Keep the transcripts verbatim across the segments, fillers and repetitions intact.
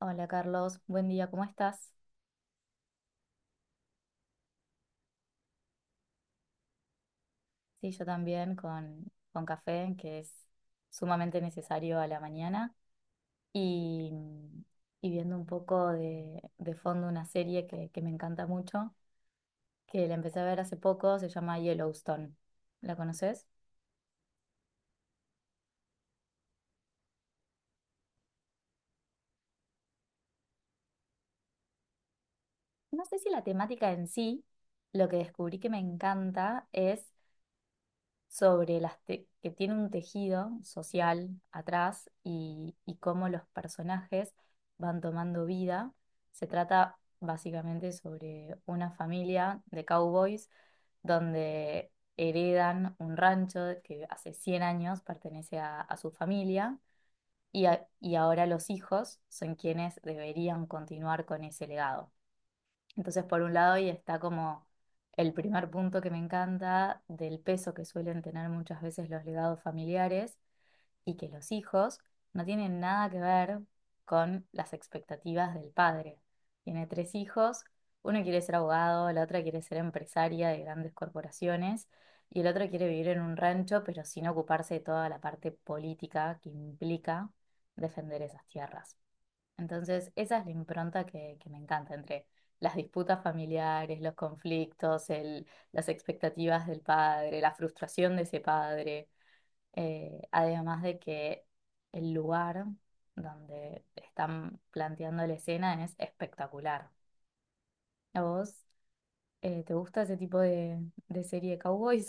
Hola Carlos, buen día, ¿cómo estás? Sí, yo también con, con café, que es sumamente necesario a la mañana, y, y viendo un poco de, de fondo una serie que, que me encanta mucho, que la empecé a ver hace poco, se llama Yellowstone. ¿La conoces? No sé si la temática en sí, lo que descubrí que me encanta es sobre las te- que tiene un tejido social atrás y, y cómo los personajes van tomando vida. Se trata básicamente sobre una familia de cowboys donde heredan un rancho que hace cien años pertenece a, a su familia y, a- y ahora los hijos son quienes deberían continuar con ese legado. Entonces, por un lado, ahí está como el primer punto que me encanta del peso que suelen tener muchas veces los legados familiares y que los hijos no tienen nada que ver con las expectativas del padre. Tiene tres hijos, uno quiere ser abogado, la otra quiere ser empresaria de grandes corporaciones y el otro quiere vivir en un rancho, pero sin ocuparse de toda la parte política que implica defender esas tierras. Entonces, esa es la impronta que, que me encanta entre las disputas familiares, los conflictos, el- las expectativas del padre, la frustración de ese padre, eh, además de que el lugar donde están planteando la escena es espectacular. ¿A vos eh, te gusta ese tipo de, de serie de cowboys?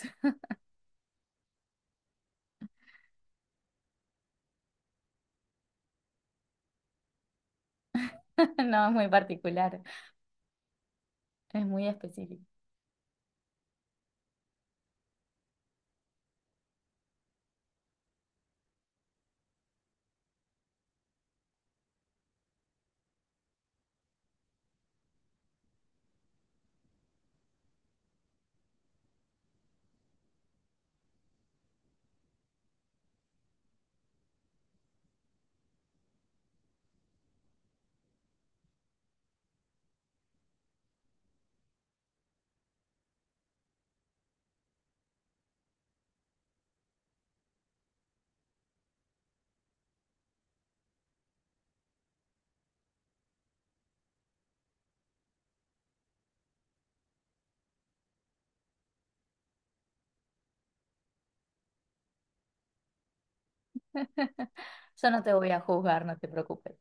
No, es muy particular, es muy específico. Yo no te voy a juzgar, no te preocupes.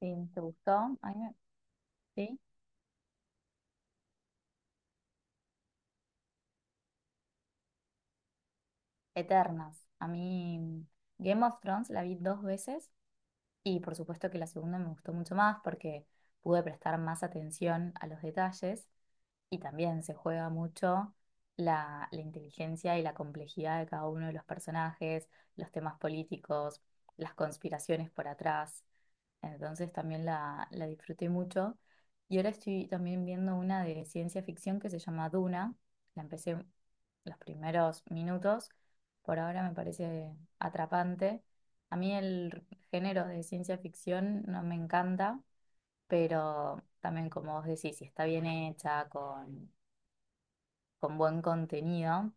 Sí, ¿te gustó? A mí me- Sí. Eternas. A mí Game of Thrones la vi dos veces y por supuesto que la segunda me gustó mucho más porque pude prestar más atención a los detalles y también se juega mucho la, la inteligencia y la complejidad de cada uno de los personajes, los temas políticos, las conspiraciones por atrás. Entonces también la, la disfruté mucho. Y ahora estoy también viendo una de ciencia ficción que se llama Duna. La empecé los primeros minutos. Por ahora me parece atrapante. A mí el género de ciencia ficción no me encanta, pero también como vos decís, si está bien hecha, con, con buen contenido,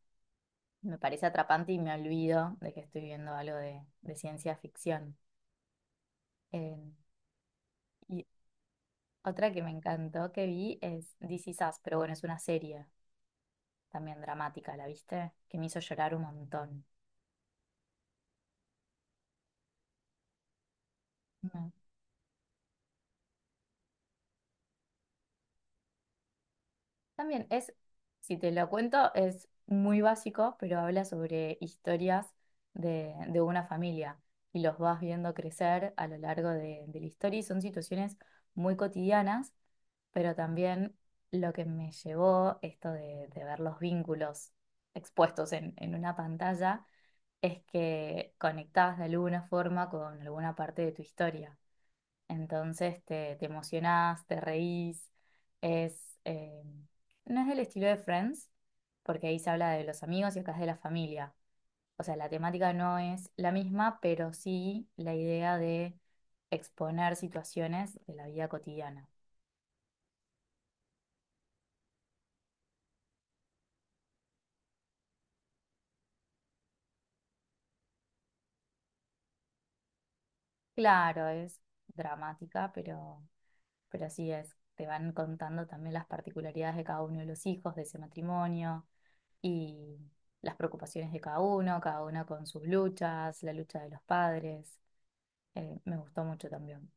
me parece atrapante y me olvido de que estoy viendo algo de, de ciencia ficción. Eh, y otra que me encantó que vi es This Is Us, pero bueno, es una serie también dramática, ¿la viste? Que me hizo llorar un montón. Mm. También es, si te lo cuento, es muy básico, pero habla sobre historias de, de una familia y los vas viendo crecer a lo largo de, de la historia y son situaciones muy cotidianas, pero también lo que me llevó esto de, de ver los vínculos expuestos en en una pantalla es que conectás de alguna forma con alguna parte de tu historia. Entonces te, te emocionás, te reís. Es, eh, no es del estilo de Friends, porque ahí se habla de los amigos y acá es de la familia. O sea, la temática no es la misma, pero sí la idea de exponer situaciones de la vida cotidiana. Claro, es dramática, pero Pero así es, te van contando también las particularidades de cada uno de los hijos de ese matrimonio y las preocupaciones de cada uno, cada uno con sus luchas, la lucha de los padres. Eh, me gustó mucho también.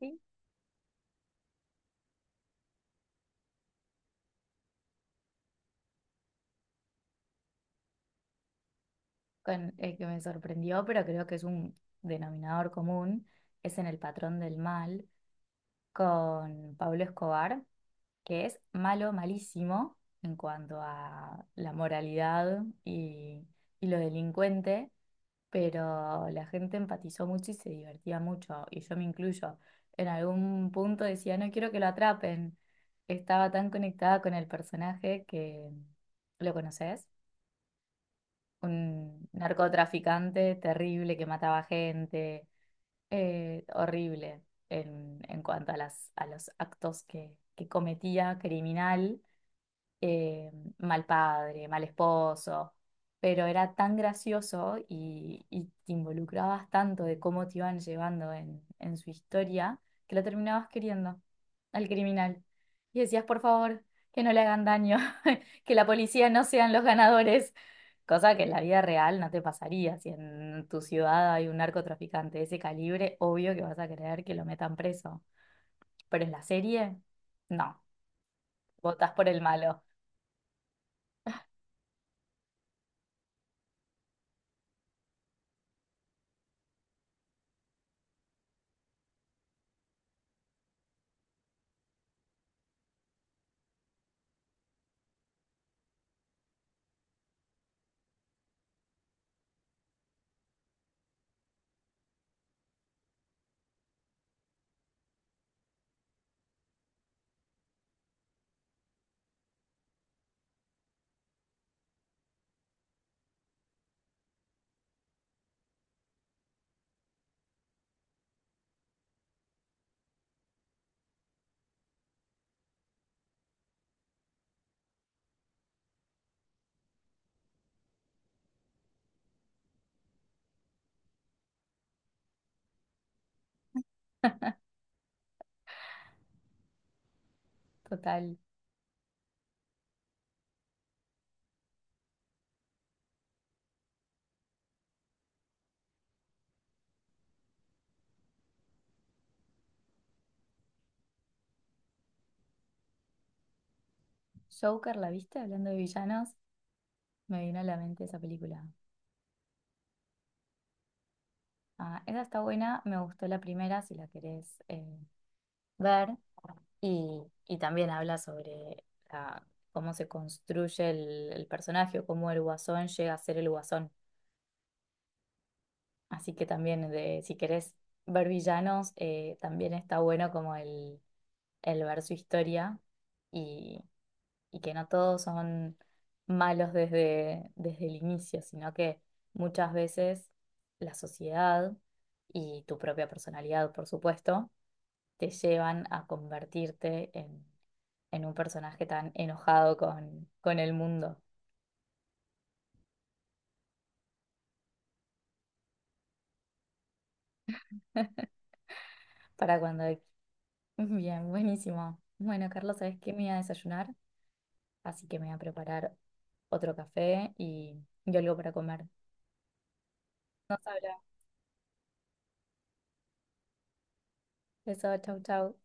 Y con el que me sorprendió, pero creo que es un denominador común, es en El patrón del mal con Pablo Escobar, que es malo, malísimo en cuanto a la moralidad y, y lo delincuente, pero la gente empatizó mucho y se divertía mucho, y yo me incluyo. En algún punto decía, no quiero que lo atrapen. Estaba tan conectada con el personaje que, ¿lo conoces? Un narcotraficante terrible que mataba gente, eh, horrible en, en cuanto a las, a los actos que, que cometía, criminal, eh, mal padre, mal esposo, pero era tan gracioso y, y te involucrabas tanto de cómo te iban llevando en, en su historia que lo terminabas queriendo al criminal. Y decías, por favor, que no le hagan daño, que la policía no sean los ganadores, cosa que en la vida real no te pasaría. Si en tu ciudad hay un narcotraficante de ese calibre, obvio que vas a querer que lo metan preso, pero en la serie, no, votas por el malo. Total. Joker, ¿la viste? Hablando de villanos, me vino a la mente esa película. Ah, esa está buena, me gustó la primera, si la querés eh, ver. Y, y también habla sobre la- cómo se construye el, el personaje o cómo el guasón llega a ser el guasón. Así que también, de, si querés ver villanos, eh, también está bueno como el, el ver su historia y y que no todos son malos desde, desde el inicio, sino que muchas veces la sociedad y tu propia personalidad, por supuesto, te llevan a convertirte en, en un personaje tan enojado con, con el mundo. Para cuando... Bien, buenísimo. Bueno, Carlos, ¿sabes qué? Me voy a desayunar, así que me voy a preparar otro café y, y algo para comer. Nos habla. Eso, chau, chau.